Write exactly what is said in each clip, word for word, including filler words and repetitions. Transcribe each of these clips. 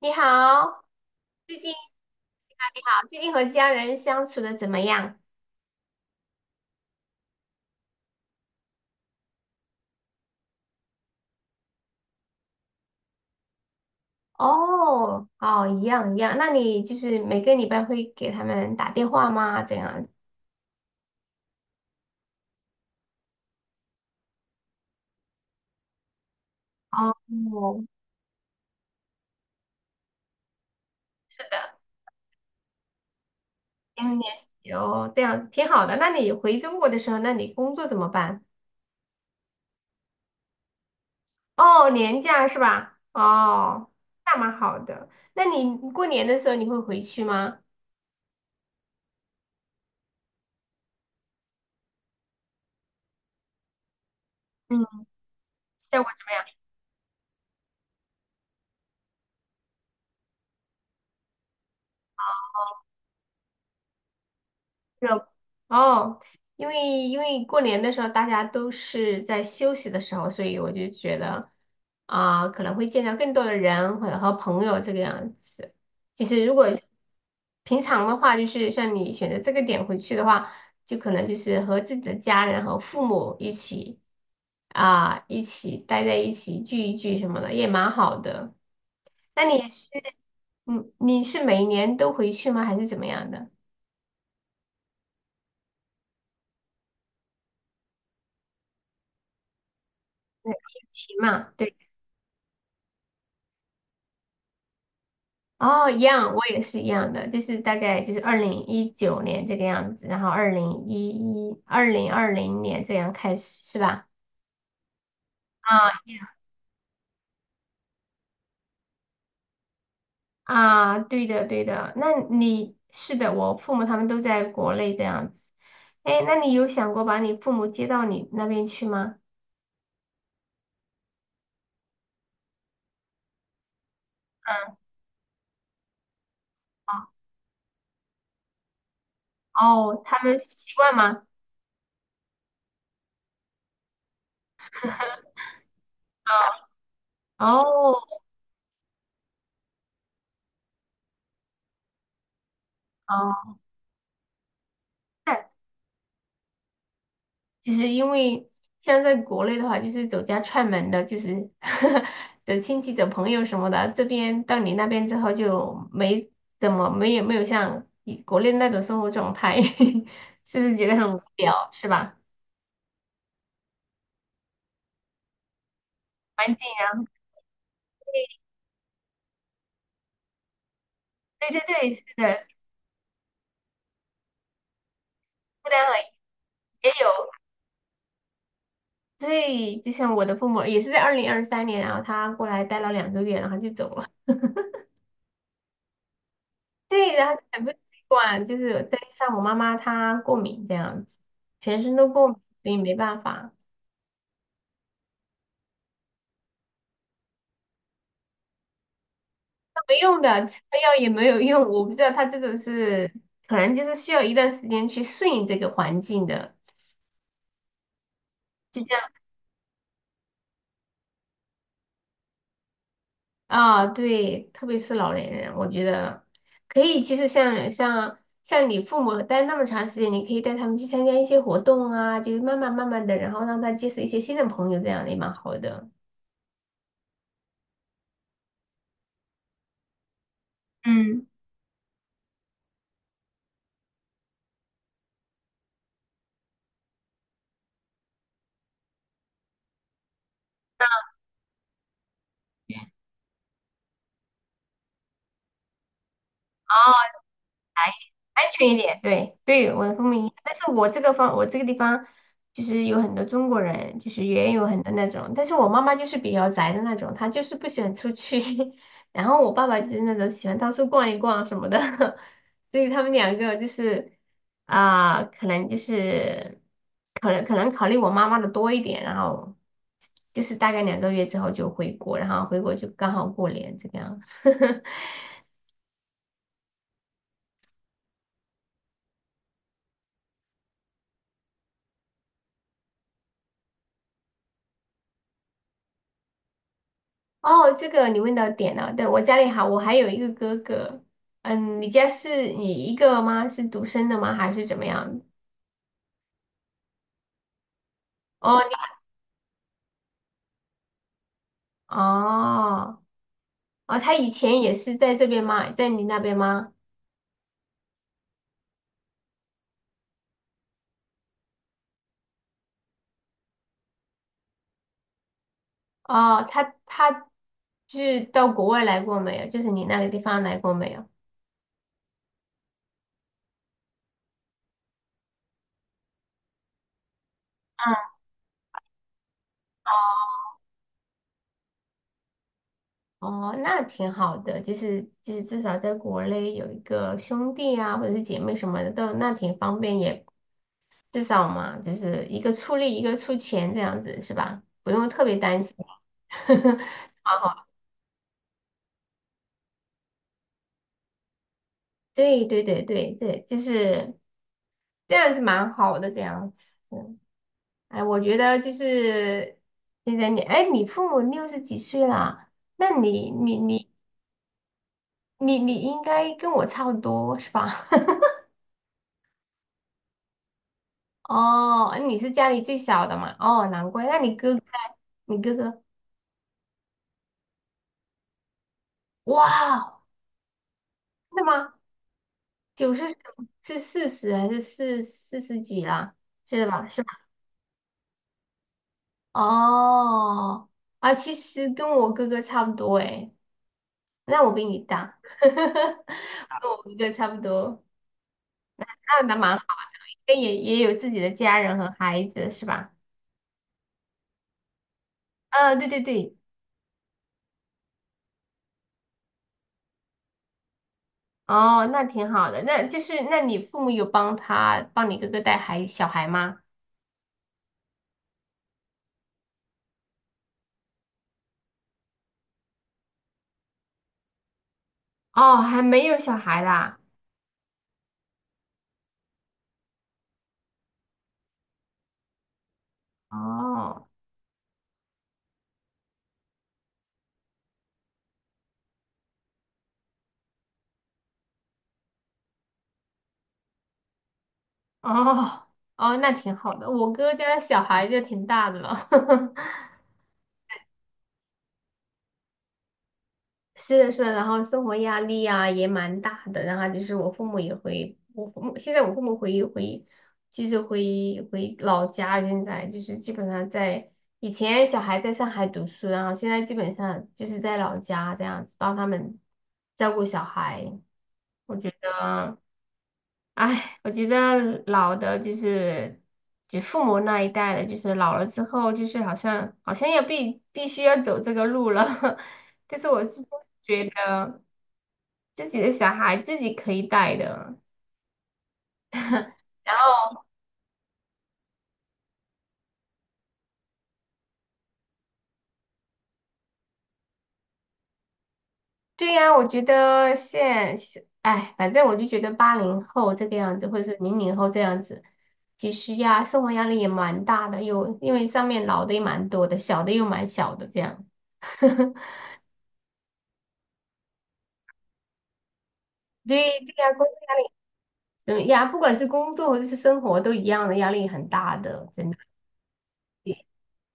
你好，最近你好，你好，最近和家人相处的怎么样？哦，哦，一样一样。那你就是每个礼拜会给他们打电话吗？这样？哦，两年。哦，这样挺好的。那你回中国的时候，那你工作怎么办？哦，年假是吧？哦，那蛮好的。那你过年的时候你会回去吗？嗯。热。哦，因为因为过年的时候大家都是在休息的时候，所以我就觉得啊、可能会见到更多的人或者和朋友这个样子。其实如果平常的话，就是像你选择这个点回去的话，就可能就是和自己的家人和父母一起啊、一起待在一起聚一聚什么的，也蛮好的。那你是嗯，你是每年都回去吗？还是怎么样的？对，疫情嘛，对。哦，一样，我也是一样的，就是大概就是二零一九年这个样子，然后二零一一、二零二零年这样开始，是吧？啊啊，对的对的，那你是的，我父母他们都在国内这样子。哎，那你有想过把你父母接到你那边去吗？嗯，哦，他们习惯吗？哦哦，就是因为像在国内的话，就是走家串门的，就是 走亲戚、走朋友什么的。这边到你那边之后就没怎么没有没有像以国内那种生活状态，是不是觉得很无聊，是吧？环境啊，对对对，是的，负担了也有。对，就像我的父母也是在二零二三年啊，然后他过来待了两个月，然后就走了。对，然后很不习惯，就是再加上我妈妈她过敏这样子，全身都过敏，所以没办法。没用的，吃了药也没有用。我不知道他这种是，可能就是需要一段时间去适应这个环境的，就这样啊，对，特别是老年人，我觉得可以，其实像像像你父母待那么长时间，你可以带他们去参加一些活动啊，就是慢慢慢慢的，然后让他结识一些新的朋友，这样也蛮好的。嗯。好。安全一点，对对，我的风母一样但是我这个方，我这个地方就是有很多中国人，就是也有很多那种，但是我妈妈就是比较宅的那种，她就是不喜欢出去，然后我爸爸就是那种喜欢到处逛一逛什么的，所以他们两个就是啊、可能就是可能可能考虑我妈妈的多一点，然后就是大概两个月之后就回国，然后回国就刚好过年这个样。子。哦，这个你问到点了。对，我家里还我还有一个哥哥。嗯，你家是你一个吗？是独生的吗？还是怎么样？哦，你哦哦，他以前也是在这边吗？在你那边吗？哦，他他就是到国外来过没有？就是你那个地方来过没有？嗯，哦，那挺好的，就是就是至少在国内有一个兄弟啊，或者是姐妹什么的，都那挺方便，也至少嘛，就是一个出力，一个出钱这样子是吧？不用特别担心。对对对对对，就是这样子蛮好的这样子。嗯。哎，我觉得就是现在你，哎，你父母六十几岁了，那你你你你你应该跟我差不多是吧？哦，你是家里最小的嘛？哦，难怪。那你哥哥，你哥哥，哇，真的吗？九十九，是四十还是四四十几啦？是吧？是吧？哦，啊，其实跟我哥哥差不多诶，那我比你大，跟我哥哥差不多，那那蛮好，也也有自己的家人和孩子是吧？呃，对对对，哦，那挺好的，那就是那你父母有帮他帮你哥哥带孩小孩吗？哦，还没有小孩啦。哦，哦哦，那挺好的。我哥家小孩就挺大的了，是的，是的，然后生活压力啊也蛮大的。然后就是我父母也会，我父母现在我父母回回就是回回老家，现在就是基本上在以前小孩在上海读书，然后现在基本上就是在老家这样子帮他们照顾小孩。我觉得。哎，我觉得老的就是就父母那一代的，就是老了之后，就是好像好像要必必须要走这个路了。但是我是觉得自己的小孩自己可以带的。然后，对呀，我觉得现现哎，反正我就觉得八零后这个样子，或者是零零后这样子，其实呀，生活压力也蛮大的，又因为上面老的也蛮多的，小的又蛮小的这样。对对呀，嗯呀，不管是工作或者是生活都一样的，压力很大的，真的。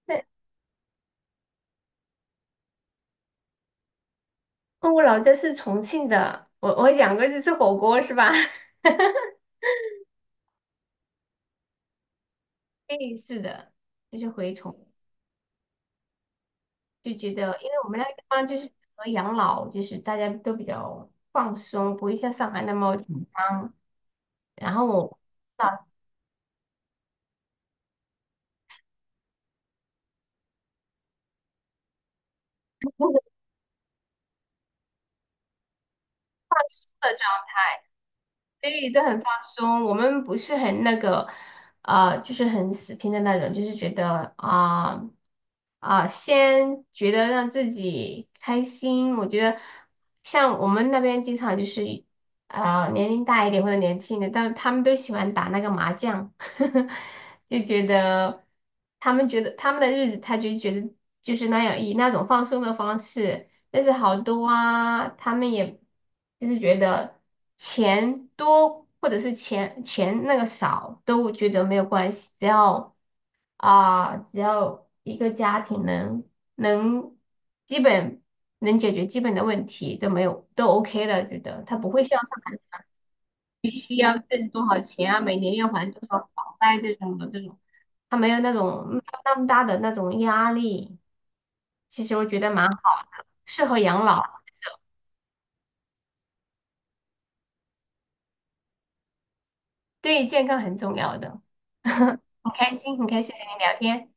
那哦，我老家是重庆的，我我讲过去吃火锅是吧？对，是的，就是回重就觉得，因为我们那个地方就是适合养老，就是大家都比较放松，不会像上海那么紧张。然后我啊，对，都很放松。我们不是很那个，呃，就是很死拼的那种，就是觉得啊啊、先觉得让自己开心。我觉得像我们那边经常就是啊、年龄大一点或者年轻的，但是他们都喜欢打那个麻将，就觉得他们觉得他们的日子，他就觉得就是那样以那种放松的方式。但是好多啊，他们也就是觉得钱多或者是钱钱那个少都觉得没有关系，只要啊、只要一个家庭能能基本能解决基本的问题都没有都 OK 的，觉得他不会像上海需要挣多少钱啊，每年要还多少房贷这种的这种，他没有那种没有那么大的那种压力，其实我觉得蛮好的，适合养老。对健康很重要的。很开心，很开心和你聊天。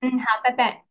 嗯，好，拜拜。